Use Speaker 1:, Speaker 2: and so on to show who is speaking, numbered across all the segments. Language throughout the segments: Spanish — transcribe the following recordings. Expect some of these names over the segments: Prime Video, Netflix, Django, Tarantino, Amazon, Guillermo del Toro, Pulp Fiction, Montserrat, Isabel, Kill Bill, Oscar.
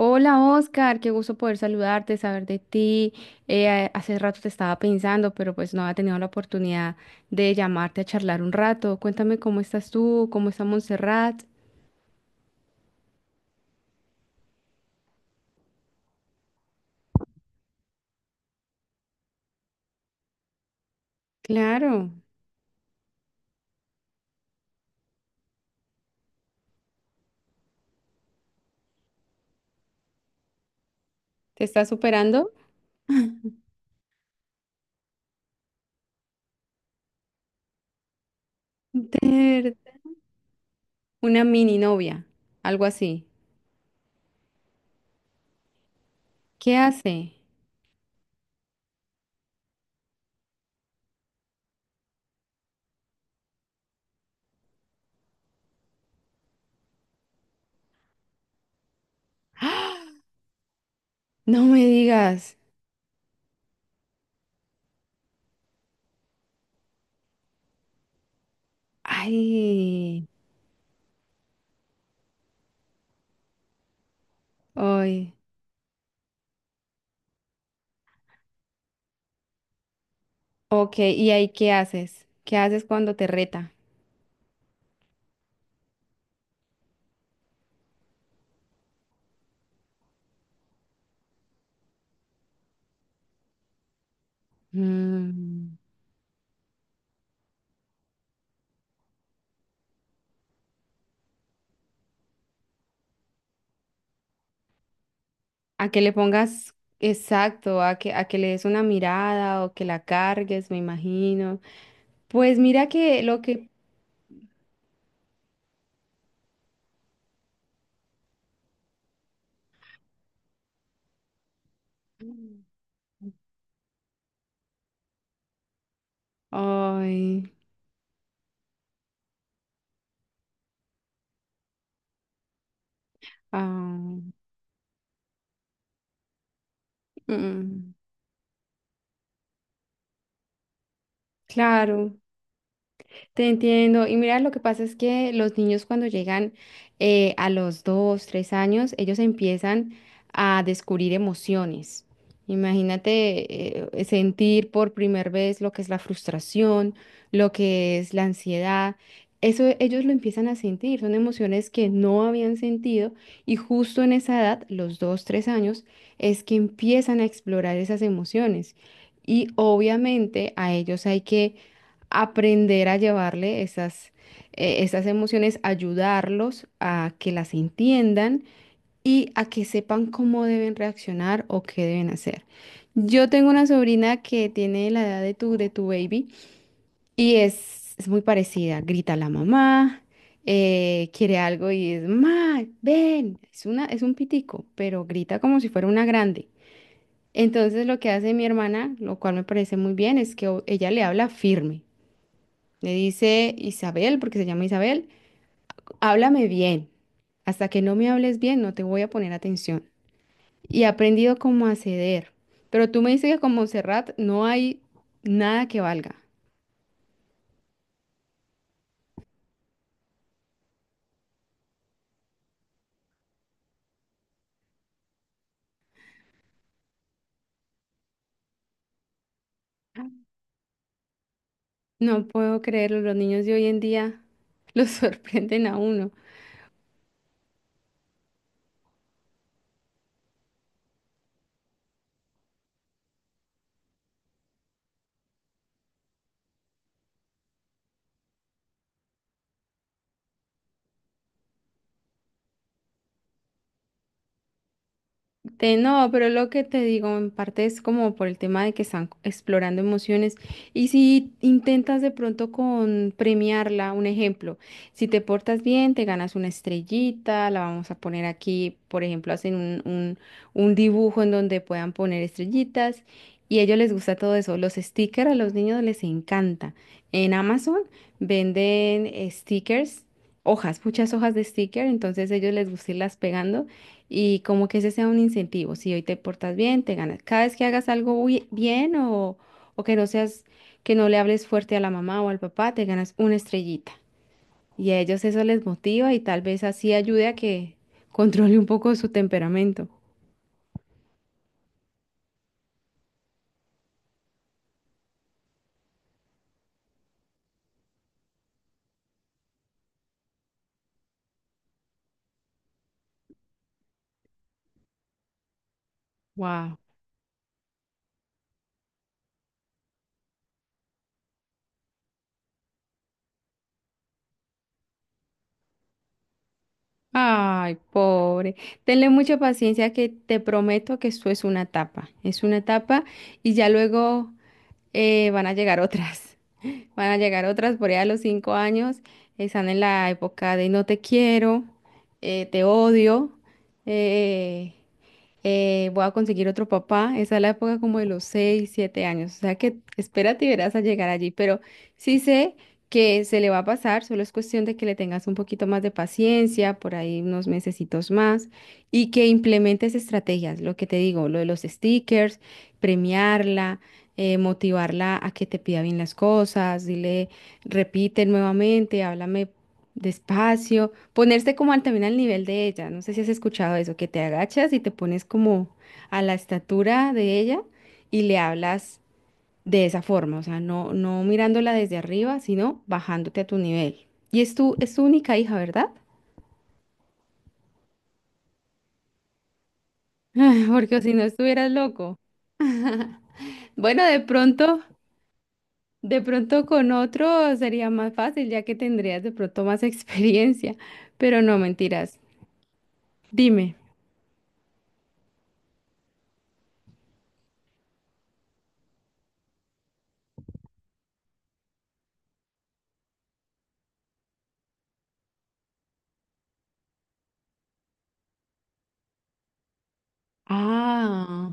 Speaker 1: Hola Oscar, qué gusto poder saludarte, saber de ti. Hace rato te estaba pensando, pero pues no había tenido la oportunidad de llamarte a charlar un rato. Cuéntame cómo estás tú, cómo está Montserrat. Claro, te estás superando. Ter- una mini novia, algo así. ¿Qué hace? ¡Ah! No me digas. Ay, ay. Ok, ¿y ahí qué haces? ¿Qué haces cuando te reta? Mm. A que le pongas exacto, a que le des una mirada o que la cargues, me imagino. Pues mira que lo que... Ay, ah, mm, mm, claro. Te entiendo. Y mira, lo que pasa es que los niños cuando llegan a los 2, 3 años, ellos empiezan a descubrir emociones. Imagínate sentir por primera vez lo que es la frustración, lo que es la ansiedad. Eso ellos lo empiezan a sentir, son emociones que no habían sentido y justo en esa edad, los 2, 3 años, es que empiezan a explorar esas emociones. Y obviamente a ellos hay que aprender a llevarle esas, esas emociones, ayudarlos a que las entiendan y a que sepan cómo deben reaccionar o qué deben hacer. Yo tengo una sobrina que tiene la edad de tu baby y es muy parecida. Grita a la mamá, quiere algo y es, ma, ven, es una, es un pitico, pero grita como si fuera una grande. Entonces lo que hace mi hermana, lo cual me parece muy bien, es que ella le habla firme. Le dice Isabel, porque se llama Isabel, háblame bien. Hasta que no me hables bien, no te voy a poner atención. Y he aprendido como a ceder. Pero tú me dices que con Montserrat no hay nada que valga. No puedo creerlo, los niños de hoy en día los sorprenden a uno. No, pero lo que te digo en parte es como por el tema de que están explorando emociones y si intentas de pronto con premiarla, un ejemplo, si te portas bien, te ganas una estrellita, la vamos a poner aquí, por ejemplo, hacen un dibujo en donde puedan poner estrellitas y a ellos les gusta todo eso. Los stickers a los niños les encanta. En Amazon venden stickers. Hojas, muchas hojas de sticker, entonces a ellos les gusta irlas pegando y como que ese sea un incentivo. Si hoy te portas bien, te ganas. Cada vez que hagas algo bien o que no seas, que no le hables fuerte a la mamá o al papá, te ganas una estrellita. Y a ellos eso les motiva y tal vez así ayude a que controle un poco su temperamento. Wow. Ay, pobre. Tenle mucha paciencia que te prometo que esto es una etapa. Es una etapa y ya luego van a llegar otras. Van a llegar otras por allá a los 5 años. Están en la época de no te quiero, te odio. eh, Voy a conseguir otro papá. Esa es la época como de los 6, 7 años. O sea que espérate y verás a llegar allí. Pero sí sé que se le va a pasar, solo es cuestión de que le tengas un poquito más de paciencia, por ahí unos mesecitos más, y que implementes estrategias, lo que te digo, lo de los stickers, premiarla. Motivarla a que te pida bien las cosas, dile, repite nuevamente, háblame despacio, ponerse como al, también al nivel de ella. No sé si has escuchado eso, que te agachas y te pones como a la estatura de ella y le hablas de esa forma, o sea, no, no mirándola desde arriba, sino bajándote a tu nivel. Y es tu única hija, ¿verdad? Porque si no estuvieras loco. Bueno, de pronto con otro sería más fácil, ya que tendrías de pronto más experiencia. Pero no, mentiras. Dime. Ah.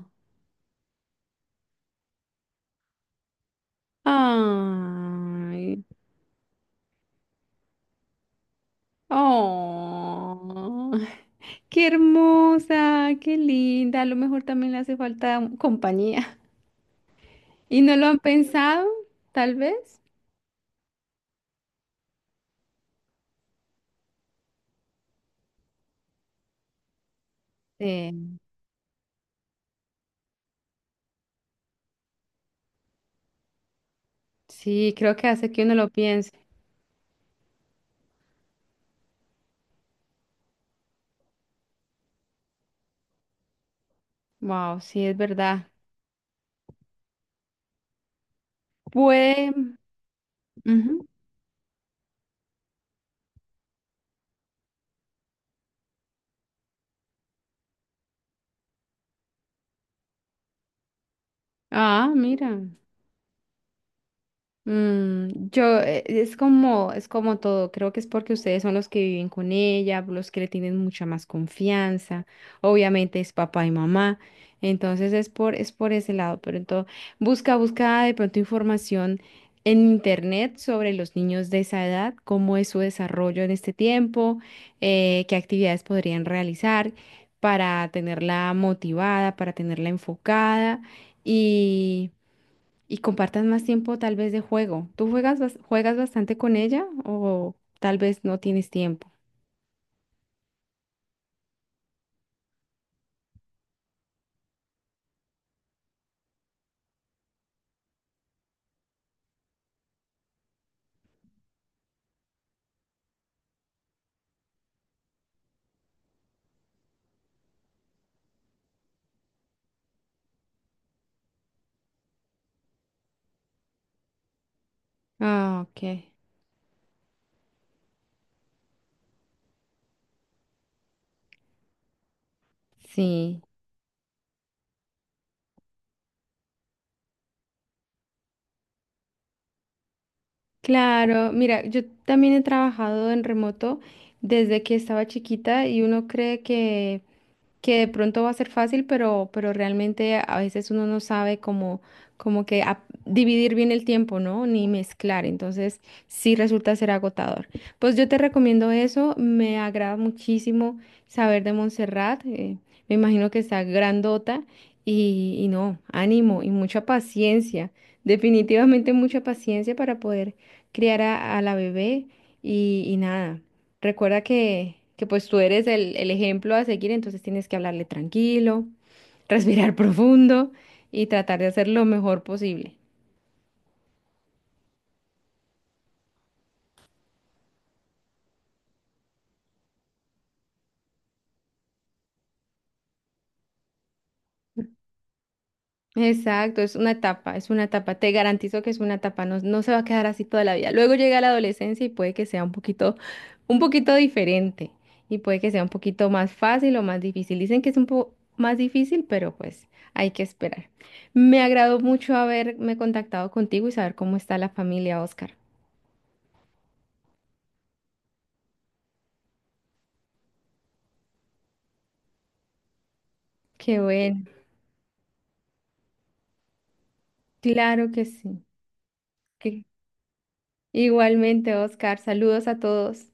Speaker 1: Ay, oh, qué hermosa, qué linda. A lo mejor también le hace falta compañía. ¿Y no lo han pensado, tal vez? Sí, sí, creo que hace que uno lo piense. Wow, sí, es verdad. Puede. Ujú. Ah, mira. Mm, yo, es como todo, creo que es porque ustedes son los que viven con ella, los que le tienen mucha más confianza, obviamente es papá y mamá, entonces es por ese lado, pero entonces busca, busca de pronto información en internet sobre los niños de esa edad, cómo es su desarrollo en este tiempo, qué actividades podrían realizar para tenerla motivada, para tenerla enfocada y compartan más tiempo tal vez de juego. ¿Tú juegas, juegas bastante con ella o tal vez no tienes tiempo? Ah, ok. Sí, claro. Mira, yo también he trabajado en remoto desde que estaba chiquita y uno cree que de pronto va a ser fácil, pero realmente a veces uno no sabe cómo, como que dividir bien el tiempo, ¿no? Ni mezclar, entonces sí resulta ser agotador. Pues yo te recomiendo eso, me agrada muchísimo saber de Montserrat, me imagino que está grandota y no, ánimo y mucha paciencia, definitivamente mucha paciencia para poder criar a la bebé y nada. Recuerda que pues tú eres el ejemplo a seguir, entonces tienes que hablarle tranquilo, respirar profundo y tratar de hacer lo mejor posible. Exacto, es una etapa, es una etapa. Te garantizo que es una etapa, no, no se va a quedar así toda la vida. Luego llega la adolescencia y puede que sea un poquito diferente y puede que sea un poquito más fácil o más difícil. Dicen que es un poco más difícil, pero pues hay que esperar. Me agradó mucho haberme contactado contigo y saber cómo está la familia, Oscar. Qué bueno. Claro que sí. Que- Igualmente, Oscar, saludos a todos.